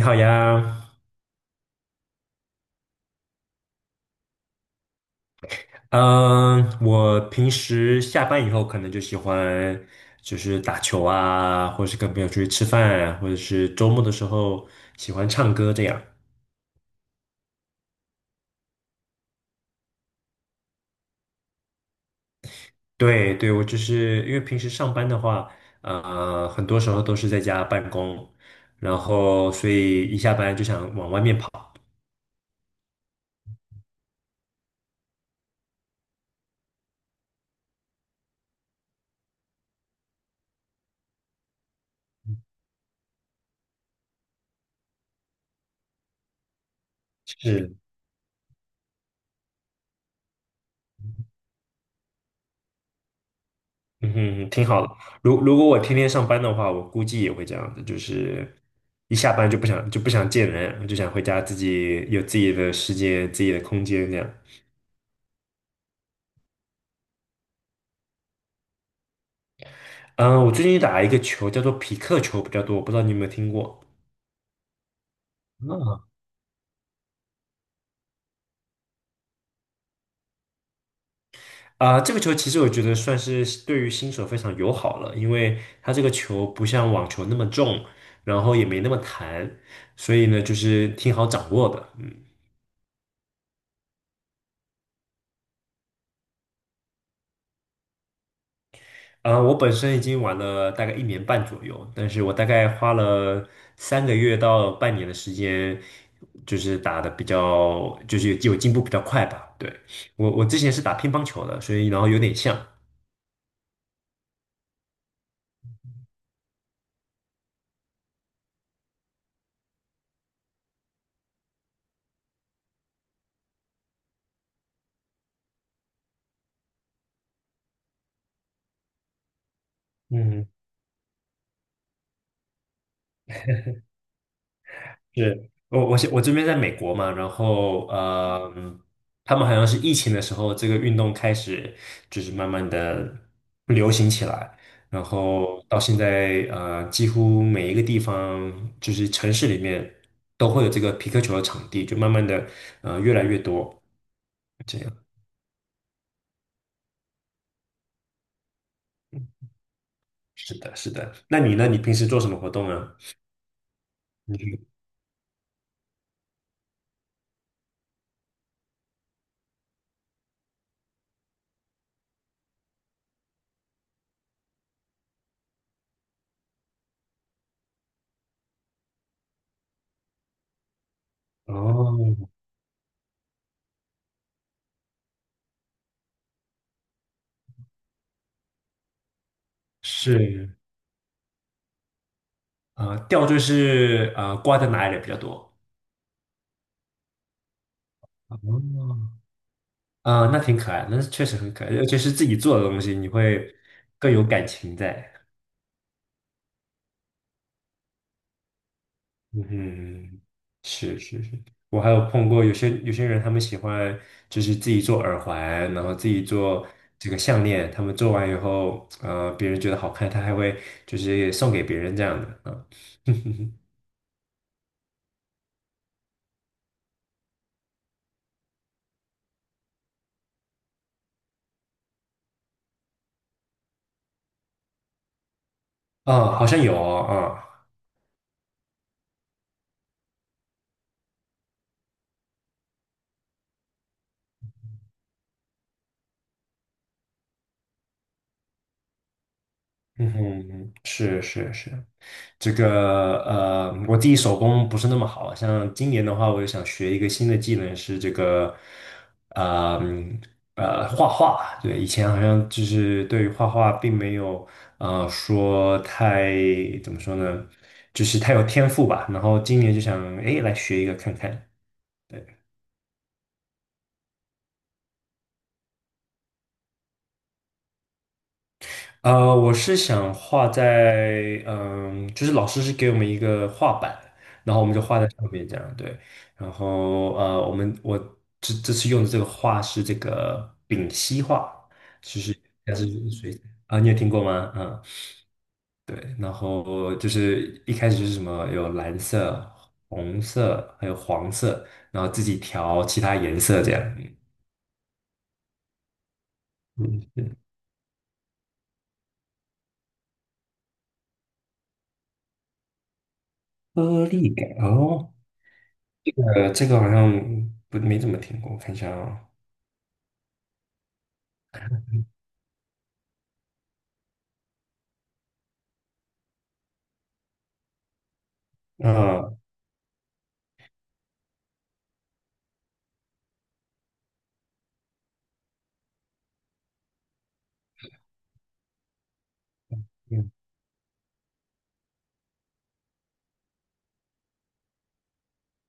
你好呀，嗯，我平时下班以后可能就喜欢就是打球啊，或者是跟朋友出去吃饭啊，或者是周末的时候喜欢唱歌这样。对对，我就是因为平时上班的话，很多时候都是在家办公，然后所以一下班就想往外面跑。是。嗯哼，挺好的。如果我天天上班的话，我估计也会这样子，就是一下班就不想见人，就想回家自己有自己的时间、自己的空间这样。嗯，我最近打一个球叫做匹克球比较多，我不知道你有没有听过。嗯，这个球其实我觉得算是对于新手非常友好了，因为它这个球不像网球那么重，然后也没那么弹，所以呢，就是挺好掌握的。我本身已经玩了大概1年半左右，但是我大概花了三个月到半年的时间，就是打的比较，就是有进步比较快吧。对，我之前是打乒乓球的，所以然后有点像。嗯。是我这边在美国嘛，然后他们好像是疫情的时候，这个运动开始就是慢慢的流行起来，然后到现在几乎每一个地方就是城市里面都会有这个皮克球的场地，就慢慢的越来越多这样。是的，是的。那你呢？你平时做什么活动呢？你哦，是啊，吊坠是啊，挂在哪里比较多？哦，那挺可爱的，那确实很可爱，尤其是自己做的东西，你会更有感情在。嗯，是是是，我还有碰过有些人，他们喜欢就是自己做耳环，然后自己做这个项链，他们做完以后，别人觉得好看，他还会就是送给别人这样的啊。好像有哦啊、嗯哼，是是是，这个我自己手工不是那么好，像今年的话，我也想学一个新的技能，是这个呃嗯画画。对，以前好像就是对于画画并没有说太怎么说呢，就是太有天赋吧。然后今年就想哎来学一个看看。对。我是想画在，就是老师是给我们一个画板，然后我们就画在上面这样，对。然后我这次用的这个画是这个丙烯画，就是但是水啊，你有听过吗？嗯，对。然后就是一开始就是什么有蓝色、红色，还有黄色，然后自己调其他颜色这样。嗯，颗粒感哦。这个好像不没怎么听过，我看一下啊，啊，嗯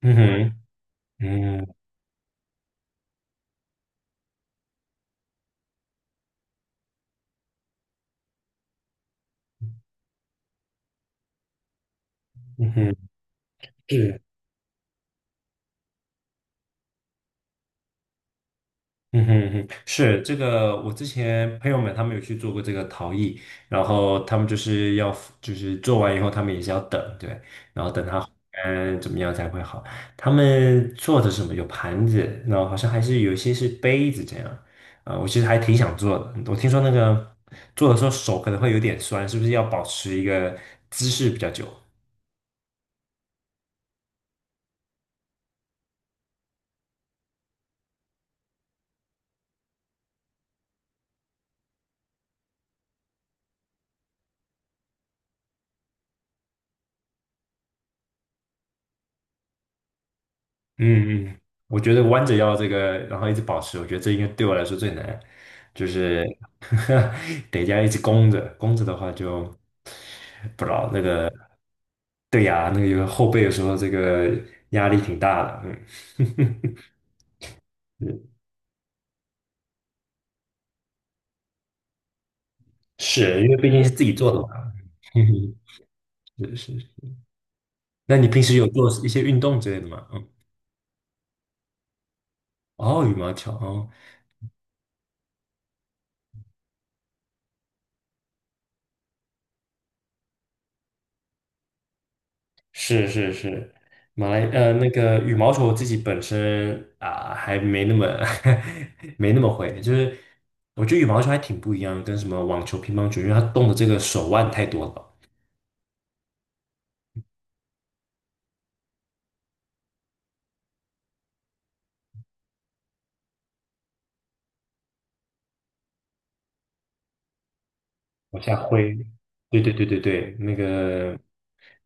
嗯哼，嗯嗯哼，是，嗯哼嗯哼，是这个，我之前朋友们他们有去做过这个陶艺，然后他们就是要就是做完以后，他们也是要等，对，然后等它怎么样才会好。他们做的是什么？有盘子，然后好像还是有一些是杯子这样，我其实还挺想做的，我听说那个做的时候手可能会有点酸，是不是要保持一个姿势比较久？嗯嗯，我觉得弯着腰这个，然后一直保持，我觉得这应该对我来说最难，就是 得这样一直弓着，弓着的话就不知道那个，对呀，那个有后背的时候这个压力挺大的，嗯，是因为毕竟是自己做的嘛，嗯是是。那你平时有做一些运动之类的吗？嗯，哦，羽毛球，哦，是是是，那个羽毛球我自己本身还没那么 没那么会，就是我觉得羽毛球还挺不一样跟什么网球、乒乓球，因为它动的这个手腕太多了，往下挥，对对对对对，那个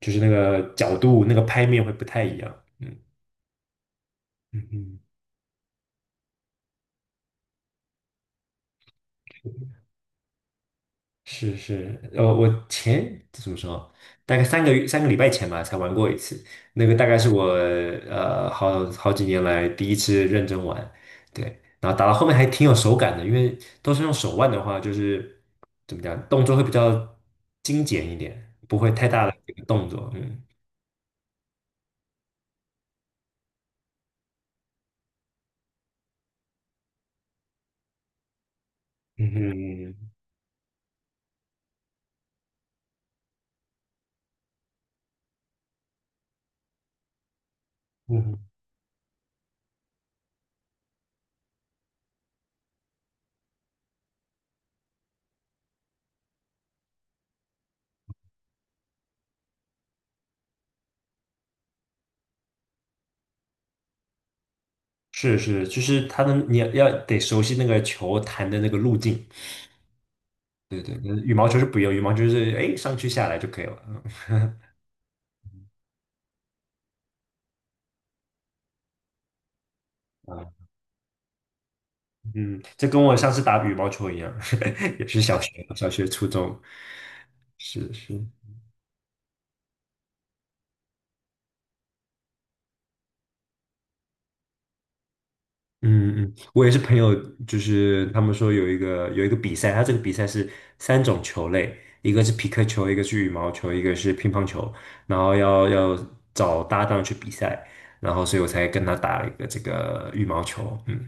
就是那个角度、那个拍面会不太一样，嗯嗯嗯。是是，怎么说，大概三个月、3个礼拜前吧，才玩过一次。那个大概是我好几年来第一次认真玩，对。然后打到后面还挺有手感的，因为都是用手腕的话，就是怎么讲，动作会比较精简一点，不会太大的这个动作。嗯嗯哼嗯哼是是，就是它的你要得熟悉那个球弹的那个路径。对对，羽毛球是不用，羽毛球是哎上去下来就可以了。嗯嗯，这跟我上次打羽毛球一样，也是小学、初中，是是，嗯嗯，我也是朋友，就是他们说有一个比赛，他这个比赛是3种球类，一个是皮克球，一个是羽毛球，一个是乒乓球，然后要找搭档去比赛，然后所以我才跟他打了一个这个羽毛球，嗯。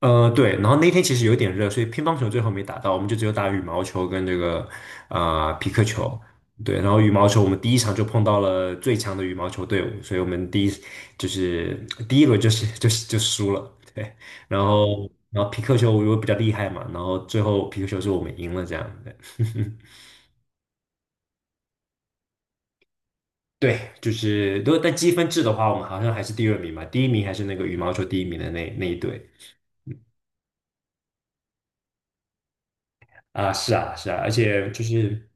对，然后那天其实有点热，所以乒乓球最后没打到，我们就只有打羽毛球跟这个匹克球。对，然后羽毛球我们第一场就碰到了最强的羽毛球队伍，所以我们就是第一轮就是就输了。对，然后匹克球我又比较厉害嘛，然后最后匹克球是我们赢了这样。对，对，就是如果在积分制的话，我们好像还是第二名嘛，第一名还是那个羽毛球第一名的那一队。啊，是啊，是啊，而且就是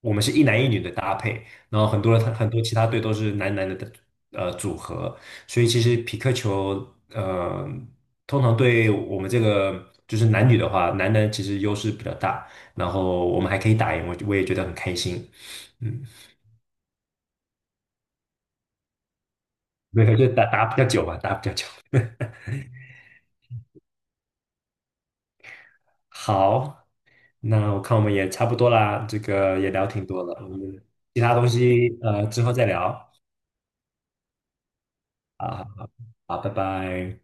我们是一男一女的搭配，然后很多很多其他队都是男男的组合，所以其实匹克球呃通常对我们这个就是男女的话，男男其实优势比较大，然后我们还可以打赢，我也觉得很开心，嗯，没有就打打比较久吧，打比较久。好，那我看我们也差不多啦，这个也聊挺多了，我们其他东西之后再聊啊，好，拜拜。